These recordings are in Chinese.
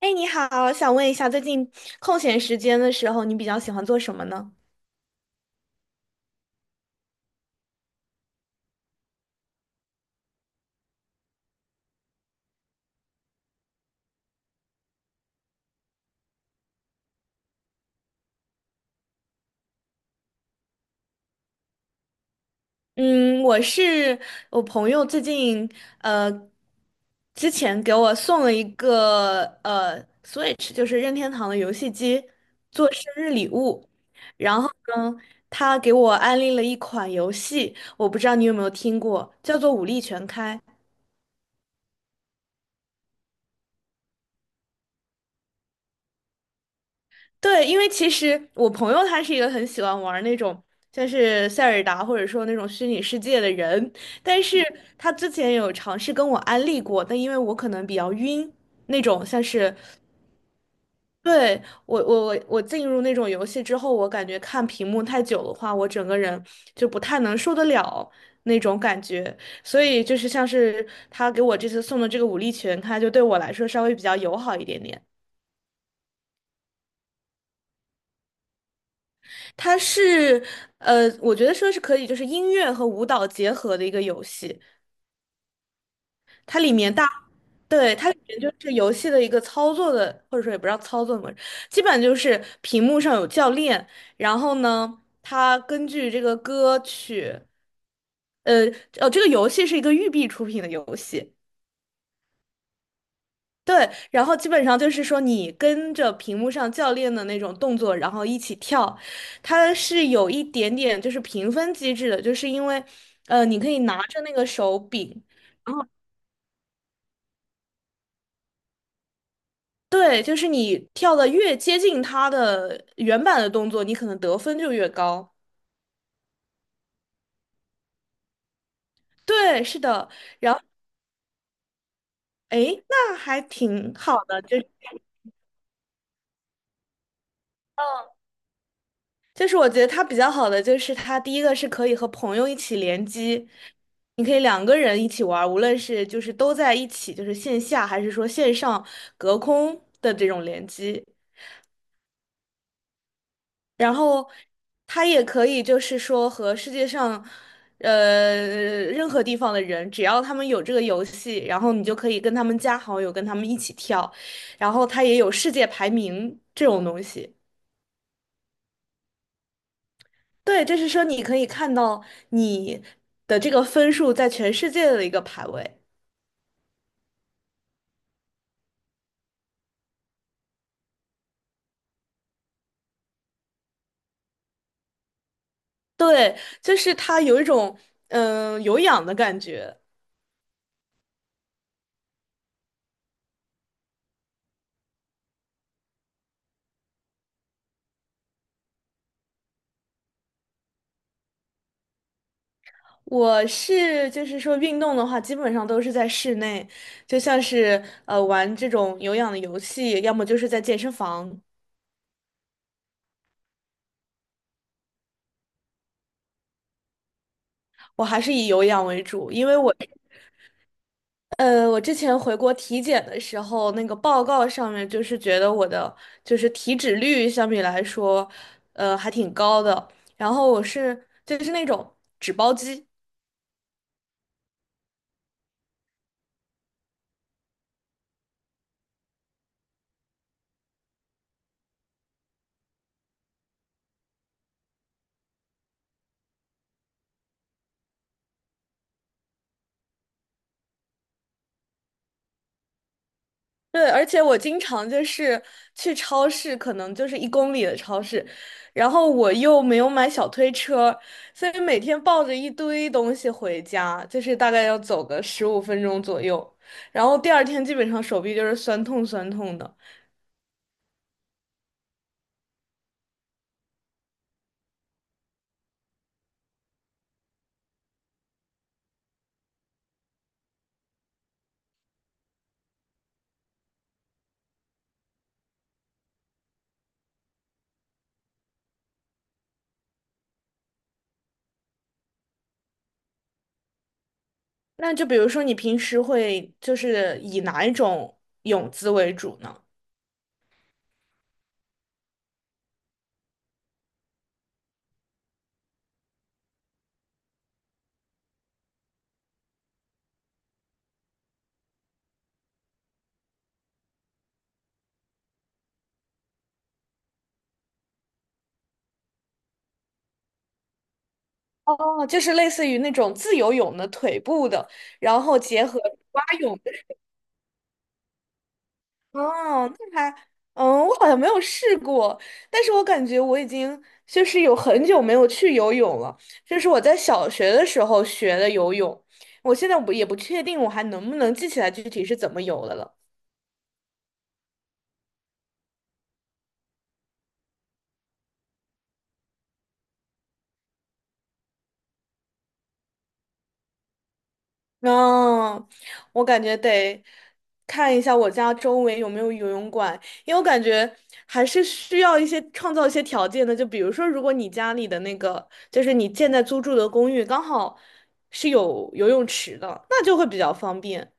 哎，你好，想问一下，最近空闲时间的时候，你比较喜欢做什么呢？嗯，我是我朋友最近呃，之前给我送了一个Switch，就是任天堂的游戏机，做生日礼物。然后呢，他给我安利了一款游戏，我不知道你有没有听过，叫做《武力全开》。对，因为其实我朋友他是一个很喜欢玩那种像是塞尔达或者说那种虚拟世界的人，但是他之前有尝试跟我安利过，但因为我可能比较晕，那种像是对我进入那种游戏之后，我感觉看屏幕太久的话，我整个人就不太能受得了那种感觉，所以就是像是他给我这次送的这个武力全开，就对我来说稍微比较友好一点点。它是，我觉得说是可以，就是音乐和舞蹈结合的一个游戏。它里面大，对，它里面就是游戏的一个操作的，或者说也不知道操作模么，基本就是屏幕上有教练，然后呢，他根据这个歌曲，呃，哦，这个游戏是一个育碧出品的游戏，对，然后基本上就是说，你跟着屏幕上教练的那种动作，然后一起跳，它是有一点点就是评分机制的，就是因为，你可以拿着那个手柄，然后对，就是你跳的越接近它的原版的动作，你可能得分就越高。对，是的，然后诶，那还挺好的，就嗯。就是我觉得它比较好的就是它第一个是可以和朋友一起联机，你可以两个人一起玩儿无论是就是都在一起，就是线下还是说线上隔空的这种联机。然后它也可以就是说和世界上呃任何地方的人，只要他们有这个游戏，然后你就可以跟他们加好友，跟他们一起跳。然后它也有世界排名这种东西。对，就是说你可以看到你的这个分数在全世界的一个排位。对，就是它有一种有氧的感觉。我是就是说运动的话，基本上都是在室内，就像是玩这种有氧的游戏，要么就是在健身房。我还是以有氧为主，因为我我之前回国体检的时候，那个报告上面就是觉得我的就是体脂率相比来说，还挺高的。然后我是就是那种纸包肌，对，而且我经常就是去超市，可能就是1公里的超市，然后我又没有买小推车，所以每天抱着一堆东西回家，就是大概要走个15分钟左右，然后第二天基本上手臂就是酸痛酸痛的。那就比如说，你平时会就是以哪一种泳姿为主呢？哦，就是类似于那种自由泳的腿部的，然后结合蛙泳的。哦，那还，嗯，我好像没有试过，但是我感觉我已经就是有很久没有去游泳了，就是我在小学的时候学的游泳，我现在不也不确定我还能不能记起来具体是怎么游的了。嗯，我感觉得看一下我家周围有没有游泳馆，因为我感觉还是需要一些创造一些条件的。就比如说，如果你家里的那个，就是你现在租住的公寓刚好是有游泳池的，那就会比较方便。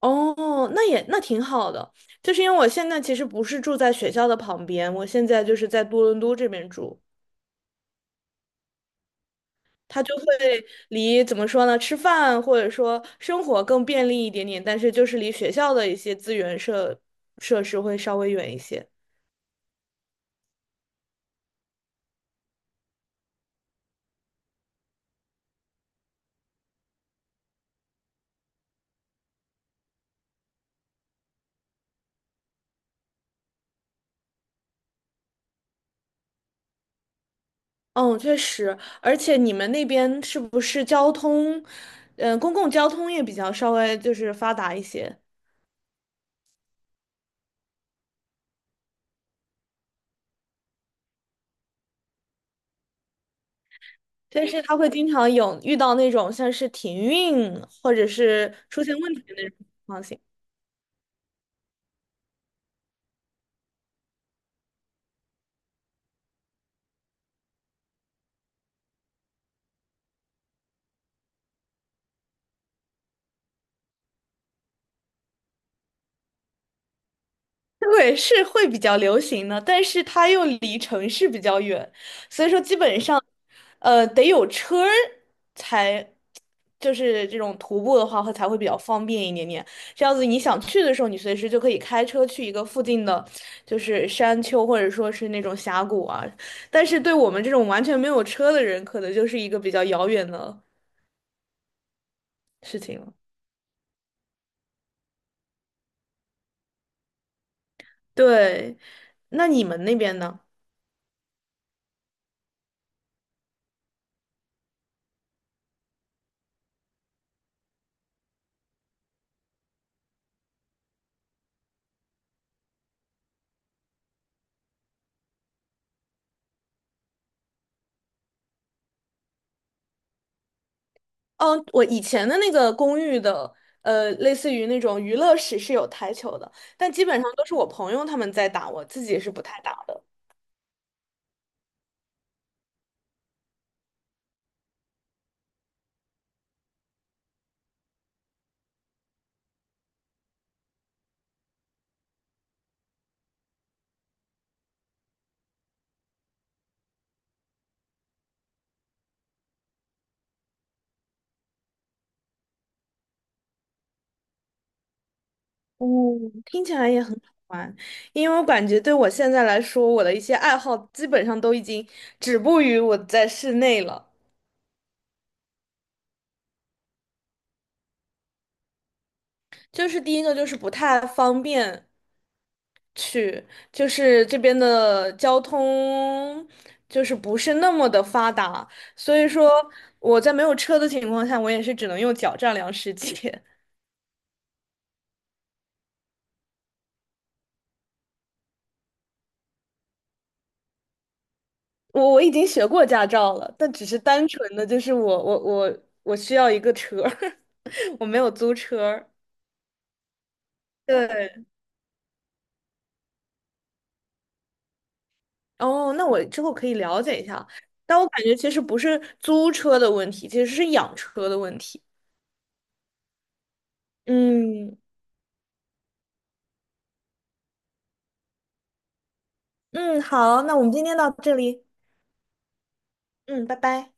哦，那也那挺好的，就是因为我现在其实不是住在学校的旁边，我现在就是在多伦多这边住。它就会离怎么说呢，吃饭或者说生活更便利一点点，但是就是离学校的一些资源设施会稍微远一些。嗯，确实，而且你们那边是不是交通，嗯、公共交通也比较稍微就是发达一些，但是它会经常有遇到那种像是停运或者是出现问题的那种情况对，是会比较流行的，但是它又离城市比较远，所以说基本上，得有车儿才，就是这种徒步的话会才会比较方便一点点。这样子你想去的时候，你随时就可以开车去一个附近的，就是山丘或者说是那种峡谷啊。但是对我们这种完全没有车的人，可能就是一个比较遥远的事情了。对，那你们那边呢？嗯，我以前的那个公寓的，类似于那种娱乐室是有台球的，但基本上都是我朋友他们在打，我自己是不太打的。哦，听起来也很好玩，因为我感觉对我现在来说，我的一些爱好基本上都已经止步于我在室内了。就是第一个就是不太方便，去，就是这边的交通就是不是那么的发达，所以说我在没有车的情况下，我也是只能用脚丈量世界。我已经学过驾照了，但只是单纯的就是我需要一个车儿 我没有租车儿对，哦，那我之后可以了解一下，但我感觉其实不是租车的问题，其实是养车的问题。嗯嗯，好，那我们今天到这里，嗯，拜拜。